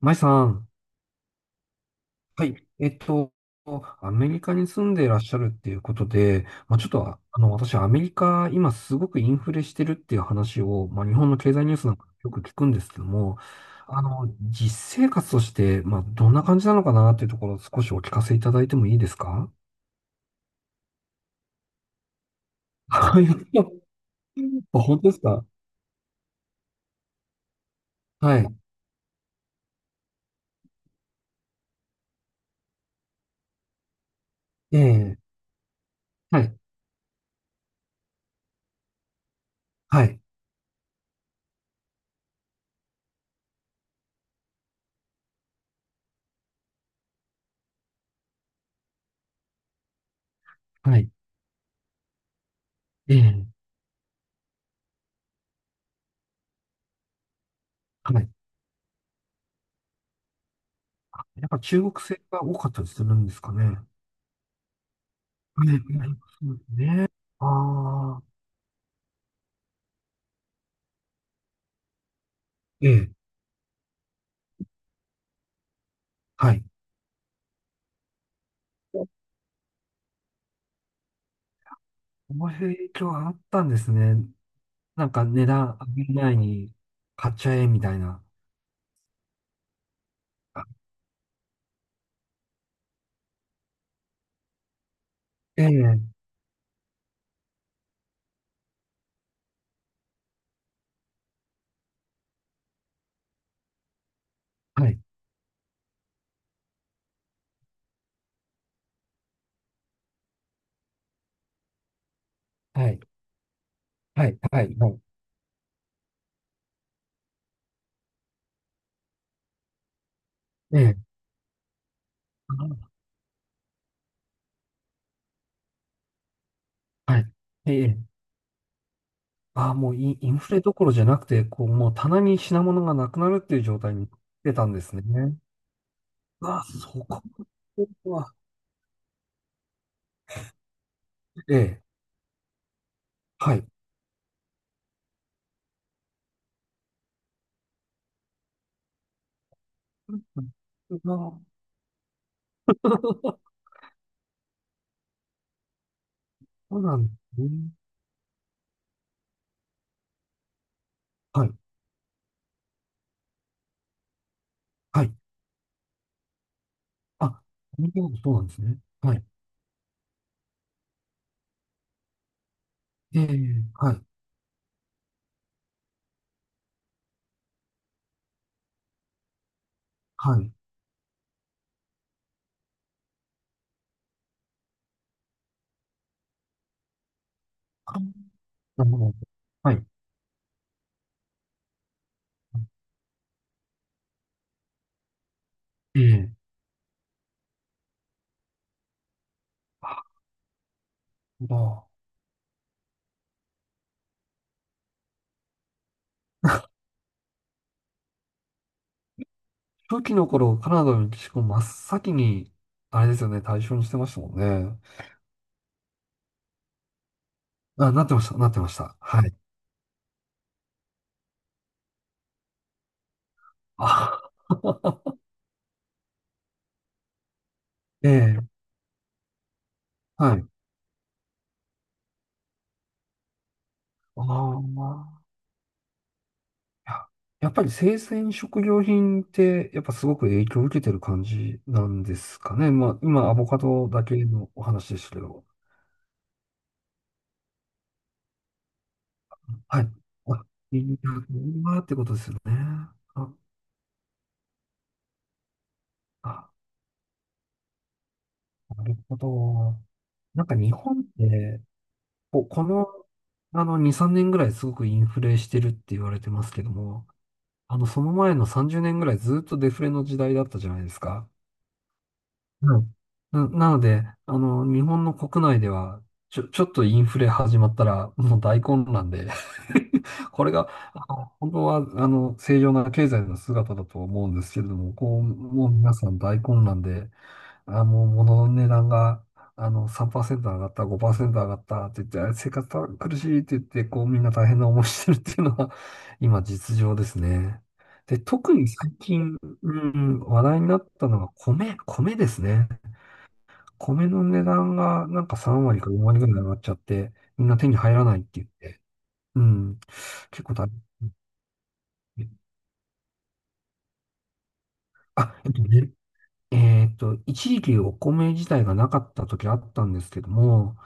マイさん、はい。アメリカに住んでいらっしゃるっていうことで、まあ、ちょっと、私、アメリカ、今すごくインフレしてるっていう話を、まあ、日本の経済ニュースなんかよく聞くんですけども、実生活として、まあ、どんな感じなのかなっていうところを少しお聞かせいただいてもいいですか？はい。本当ですか？はい。ええ、はい。はい。はい。ええ、はい。やっぱ中国製が多かったりするんですかね？はい。はい。ああ。ええ、はい。こういう影響があったんですね。なんか値段上げる前に買っちゃえみたいな。あええ、はい、はい、はい、はい、はい。ええ、はい。ええ、ああ、もうインフレどころじゃなくて、こう、もう棚に品物がなくなるっていう状態に出たんですね。うわ、そこは、ええ、はい。うわ。 そうなんですね。はい、はい。あ、そうなんですね。はい。ええ、はい。はい。あなるほど。はい。ええ。あ、まあ、初期の頃、カナダのメキシコ真っ先に、あれですよね、対象にしてましたもんね。あ、なってました、なってました。はい。あ。ええ、はい。ああ、まあ、いや、やっぱり生鮮食料品って、やっぱすごく影響を受けてる感じなんですかね？まあ、今、アボカドだけのお話でしたけど。はい。あ、いいなってことですよね。あ、あなるほど。なんか日本って、この、2、3年ぐらいすごくインフレしてるって言われてますけども、その前の30年ぐらいずっとデフレの時代だったじゃないですか。うん。なので、あの、日本の国内では、ちょっとインフレ始まったら、もう大混乱で これが、あの本当は、正常な経済の姿だと思うんですけれども、こう、もう皆さん大混乱で、あ、もう物の値段が、3%上がった、5%上がったって言って、生活苦しいって言って、こうみんな大変な思いしてるっていうのは、今実情ですね。で、特に最近、うん、話題になったのが米ですね。米の値段がなんか3割か4割ぐらい上がっちゃって、みんな手に入らないって言って、うん、結構大変。あ、えっと、ねえーっと、一時期お米自体がなかった時あったんですけども、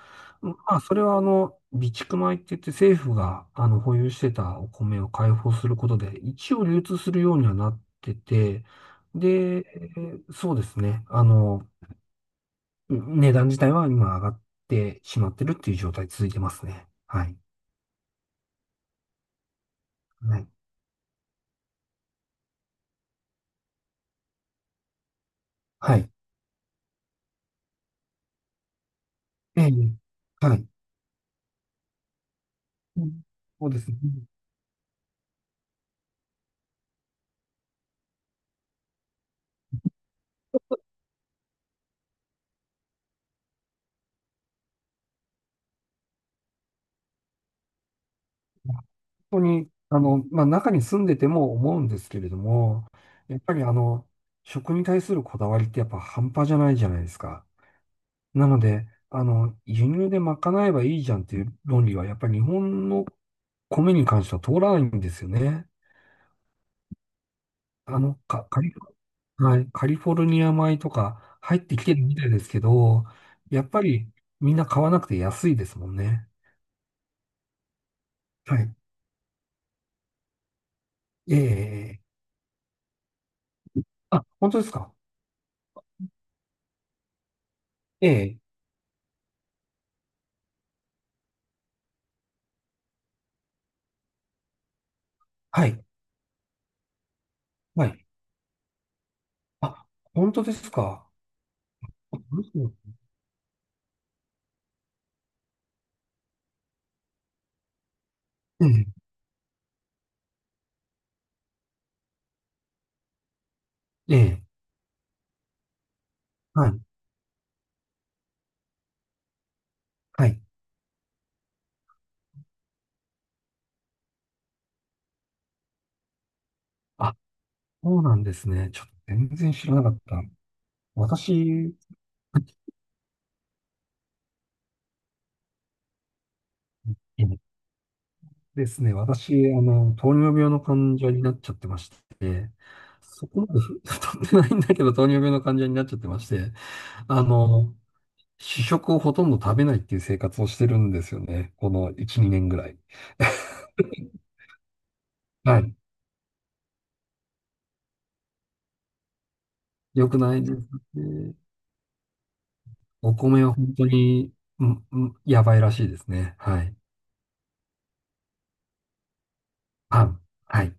まあ、それはあの、備蓄米って言って政府があの保有してたお米を開放することで、一応流通するようにはなってて、で、そうですね、値段自体は今上がってしまってるっていう状態続いてますね。はい。はい。はい。ええ、はい。うん、そうですね。本当に、あの、まあ、中に住んでても思うんですけれども、やっぱりあの、食に対するこだわりってやっぱ半端じゃないじゃないですか。なので、あの、輸入で賄えばいいじゃんっていう論理は、やっぱり日本の米に関しては通らないんですよね。あの、カカリ、はい、カリフォルニア米とか入ってきてるみたいですけど、やっぱりみんな買わなくて安いですもんね。はい。ええ、本当ですか？ええ、はい。はい、あ、本当ですか？うん、ええ、ええ、はい、はい。あ、そうなんですね。ちょっと全然知らなかった。私。ええですね、私、あの、糖尿病の患者になっちゃってまして、そこまで太ってないんだけど、糖尿病の患者になっちゃってまして、あの、主食をほとんど食べないっていう生活をしてるんですよね。この1、2年ぐらい。はい。良くないですね。お米は本当に、うん、うん、やばいらしいですね。はい。パン。はい。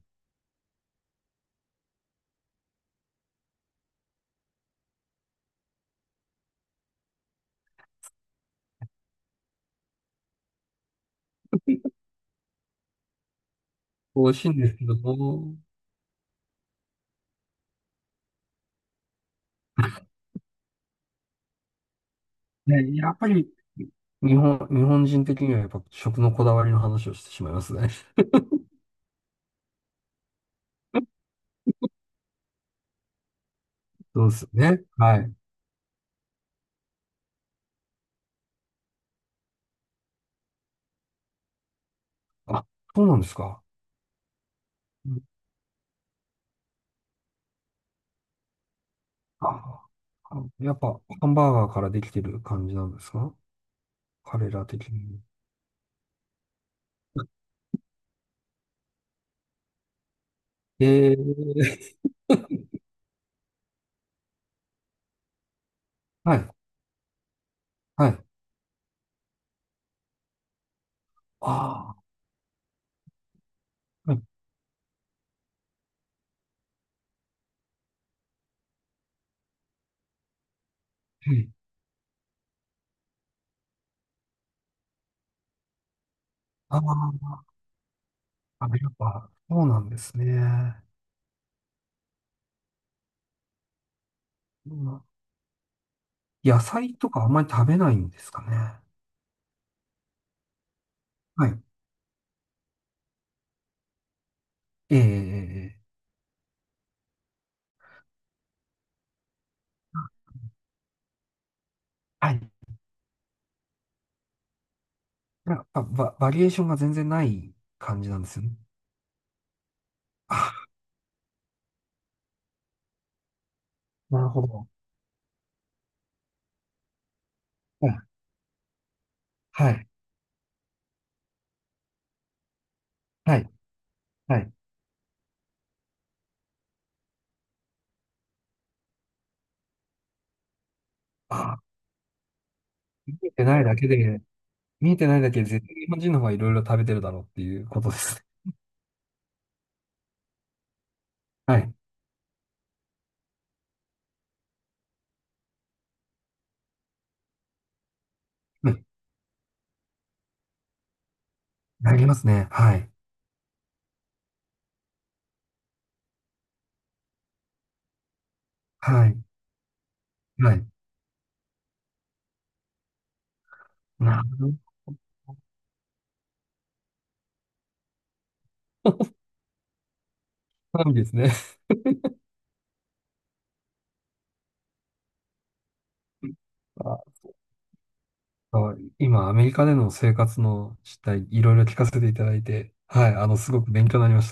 美味しいんですけども、ね、やっぱり、日本人的にはやっぱ食のこだわりの話をしてしまいますね。そうですよね。はい。あ、そうなんですか。うんあ、やっぱハンバーガーからできてる感じなんですか？彼ら的に。えー、はい、はい。ああ、はい。はい。ああ、やっぱそうなんですね。うん、野菜とかあんまり食べないんですかね？はい。ええ、はい。やっぱバリエーションが全然ない感じなんですよね。あ、なるほど。はい。はい。はい。はい。あ、見えてないだけで、見えてないだけで絶対日本人の方がいろいろ食べてるだろうっていうことですね。はい。はい。なりますね。はい。はい。はい。なるほど。なん。 ですね。あ今、アメリカでの生活の実態、いろいろ聞かせていただいて、はい、あの、すごく勉強になりました。